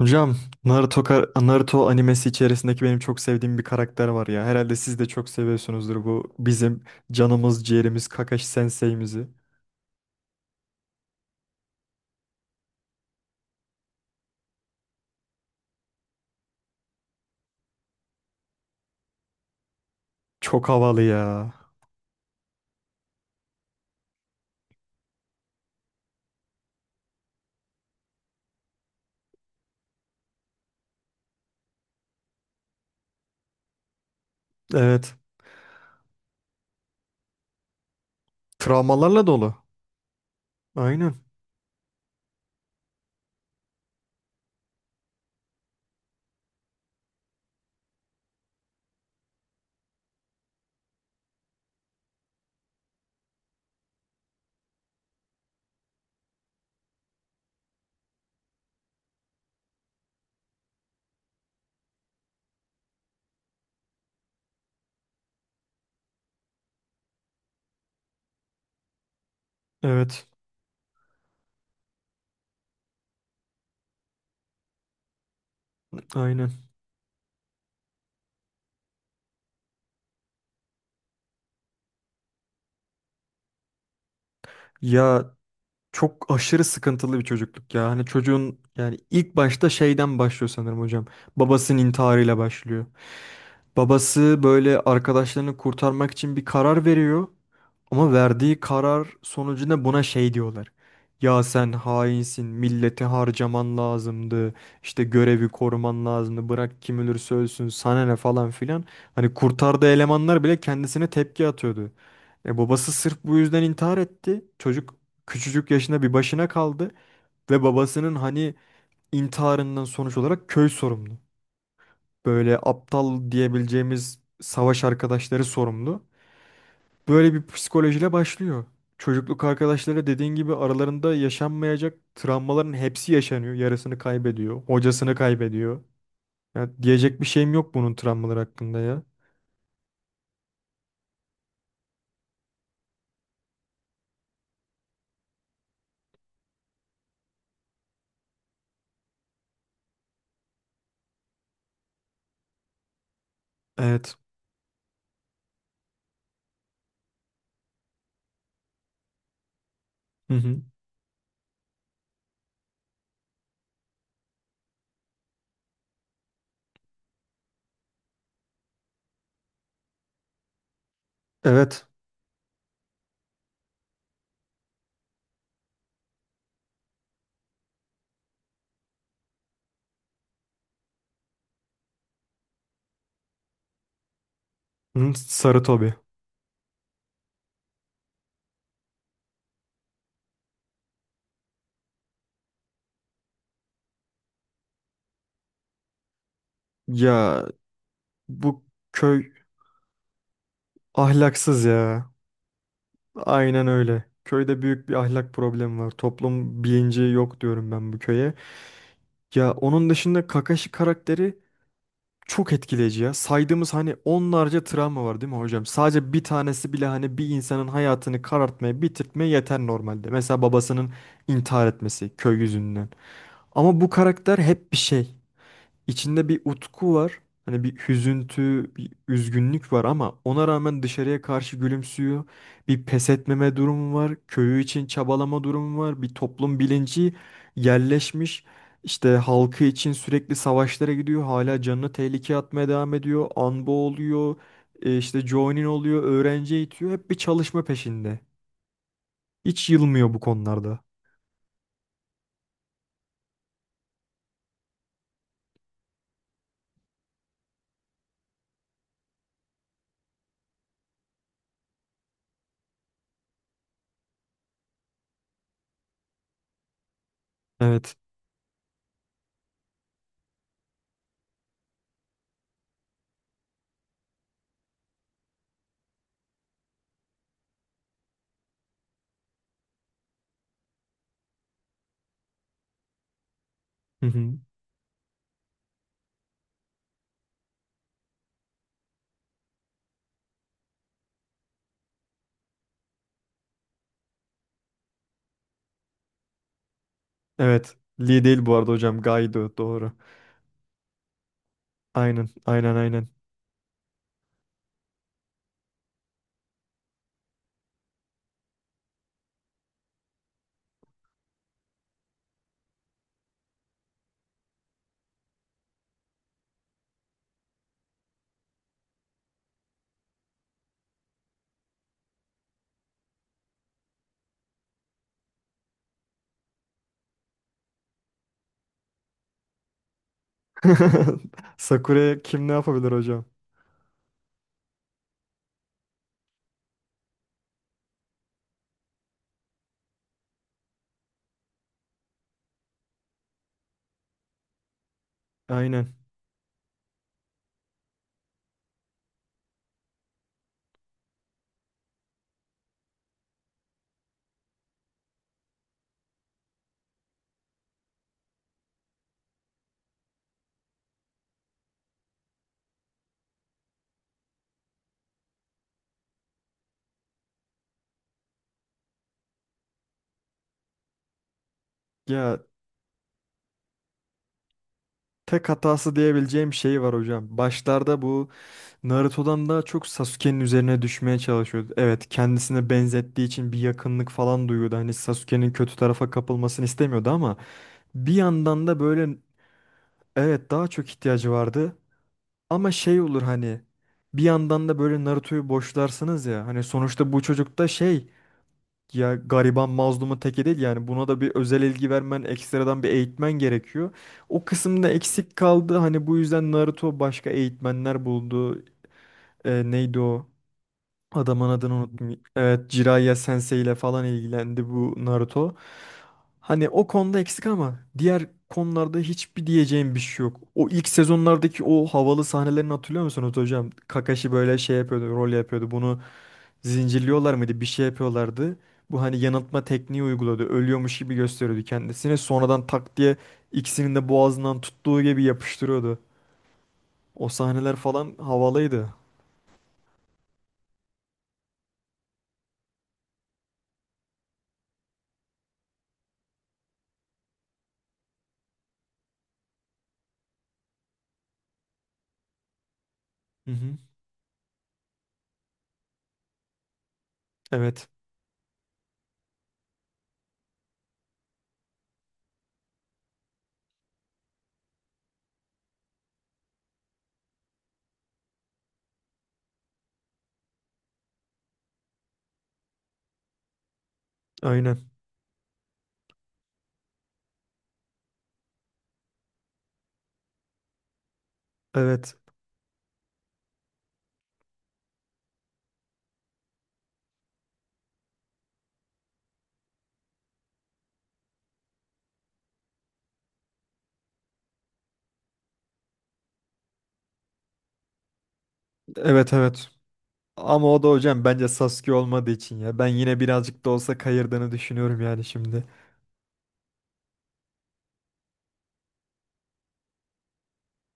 Hocam, Naruto, Naruto animesi içerisindeki benim çok sevdiğim bir karakter var ya. Herhalde siz de çok seviyorsunuzdur bu bizim canımız ciğerimiz Kakashi Sensei'mizi. Çok havalı ya. Evet. Travmalarla dolu. Aynen. Evet. Aynen. Ya, çok aşırı sıkıntılı bir çocukluk ya. Hani çocuğun, yani ilk başta şeyden başlıyor sanırım hocam. Babasının intiharıyla başlıyor. Babası böyle arkadaşlarını kurtarmak için bir karar veriyor. Ama verdiği karar sonucunda buna şey diyorlar. Ya sen hainsin, milleti harcaman lazımdı, işte görevi koruman lazımdı, bırak kim ölürse ölsün, sana ne falan filan. Hani kurtardığı elemanlar bile kendisine tepki atıyordu. E babası sırf bu yüzden intihar etti. Çocuk küçücük yaşında bir başına kaldı ve babasının hani intiharından sonuç olarak köy sorumlu, böyle aptal diyebileceğimiz savaş arkadaşları sorumlu. Böyle bir psikolojiyle başlıyor. Çocukluk arkadaşları dediğin gibi aralarında yaşanmayacak travmaların hepsi yaşanıyor. Yarısını kaybediyor, hocasını kaybediyor. Ya diyecek bir şeyim yok bunun travmalar hakkında ya. Evet. Hı hı. Evet. Hı, sarı Tobi. Ya bu köy ahlaksız ya. Aynen öyle. Köyde büyük bir ahlak problemi var. Toplum bilinci yok diyorum ben bu köye. Ya onun dışında Kakashi karakteri çok etkileyici ya. Saydığımız hani onlarca travma var değil mi hocam? Sadece bir tanesi bile hani bir insanın hayatını karartmaya, bitirtmeye yeter normalde. Mesela babasının intihar etmesi köy yüzünden. Ama bu karakter hep bir şey. İçinde bir utku var. Hani bir hüzüntü, bir üzgünlük var ama ona rağmen dışarıya karşı gülümsüyor. Bir pes etmeme durumu var. Köyü için çabalama durumu var. Bir toplum bilinci yerleşmiş. İşte halkı için sürekli savaşlara gidiyor. Hala canını tehlikeye atmaya devam ediyor. Anbo oluyor. İşte joining oluyor. Öğrenci eğitiyor. Hep bir çalışma peşinde. Hiç yılmıyor bu konularda. Evet. Hı hı. Evet. Lee değil bu arada hocam. Gaido doğru. Aynen. Aynen, aynen. Sakura'ya kim ne yapabilir hocam? Aynen. Ya, tek hatası diyebileceğim şey var hocam. Başlarda bu Naruto'dan daha çok Sasuke'nin üzerine düşmeye çalışıyordu. Evet, kendisine benzettiği için bir yakınlık falan duyuyordu. Hani Sasuke'nin kötü tarafa kapılmasını istemiyordu ama bir yandan da böyle, evet, daha çok ihtiyacı vardı. Ama şey olur hani, bir yandan da böyle Naruto'yu boşlarsınız ya. Hani sonuçta bu çocuk da şey, ya gariban mazlumun teki değil, yani buna da bir özel ilgi vermen, ekstradan bir eğitmen gerekiyor. O kısımda eksik kaldı. Hani bu yüzden Naruto başka eğitmenler buldu. E, neydi o? Adamın adını unuttum. Evet, Jiraiya Sensei ile falan ilgilendi bu Naruto. Hani o konuda eksik ama diğer konularda hiçbir diyeceğim bir şey yok. O ilk sezonlardaki o havalı sahnelerini hatırlıyor musunuz hocam? Kakashi böyle şey yapıyordu, rol yapıyordu. Bunu zincirliyorlar mıydı? Bir şey yapıyorlardı. Bu hani yanıltma tekniği uyguladı. Ölüyormuş gibi gösteriyordu kendisini. Sonradan tak diye ikisinin de boğazından tuttuğu gibi yapıştırıyordu. O sahneler falan havalıydı. Hı hı. Evet, aynen. Evet. Evet, evet. Ama o da hocam bence Sasuke olmadığı için ya. Ben yine birazcık da olsa kayırdığını düşünüyorum yani şimdi.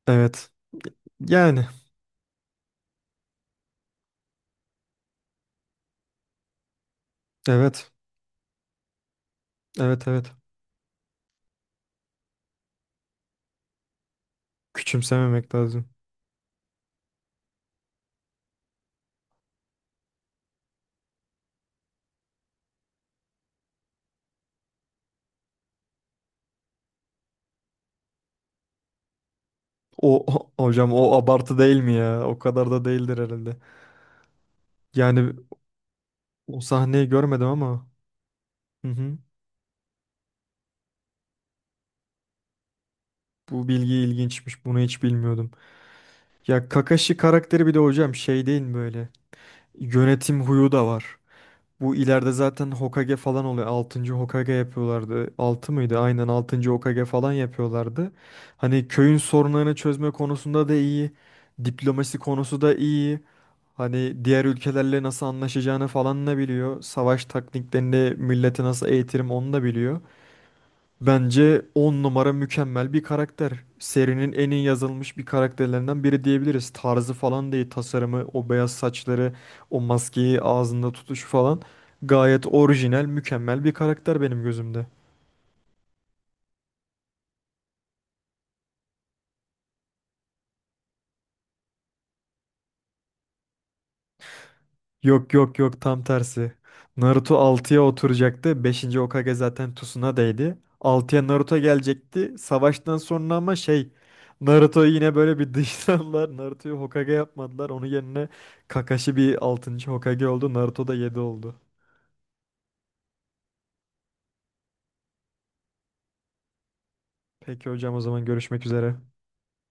Evet. Yani evet. Evet, evet. Küçümsememek lazım. Hocam o abartı değil mi ya? O kadar da değildir herhalde. Yani o sahneyi görmedim ama. Hı hı. Bu bilgi ilginçmiş. Bunu hiç bilmiyordum. Ya Kakashi karakteri bir de hocam şey değil mi böyle? Yönetim huyu da var. Bu ileride zaten Hokage falan oluyor. 6. Hokage yapıyorlardı. Altı mıydı? Aynen, 6. Hokage falan yapıyorlardı. Hani köyün sorunlarını çözme konusunda da iyi. Diplomasi konusu da iyi. Hani diğer ülkelerle nasıl anlaşacağını falan da biliyor. Savaş taktiklerini, milleti nasıl eğitirim onu da biliyor. Bence 10 numara, mükemmel bir karakter. Serinin en iyi yazılmış bir karakterlerinden biri diyebiliriz. Tarzı falan değil, tasarımı, o beyaz saçları, o maskeyi ağzında tutuşu falan. Gayet orijinal, mükemmel bir karakter benim gözümde. Yok yok yok, tam tersi. Naruto altıya oturacaktı. Beşinci Hokage zaten Tsunadeydi. Altıya Naruto gelecekti. Savaştan sonra ama şey, Naruto'yu yine böyle bir dışladılar. Naruto'yu Hokage yapmadılar. Onun yerine Kakashi bir 6. Hokage oldu. Naruto da 7 oldu. Peki hocam, o zaman görüşmek üzere.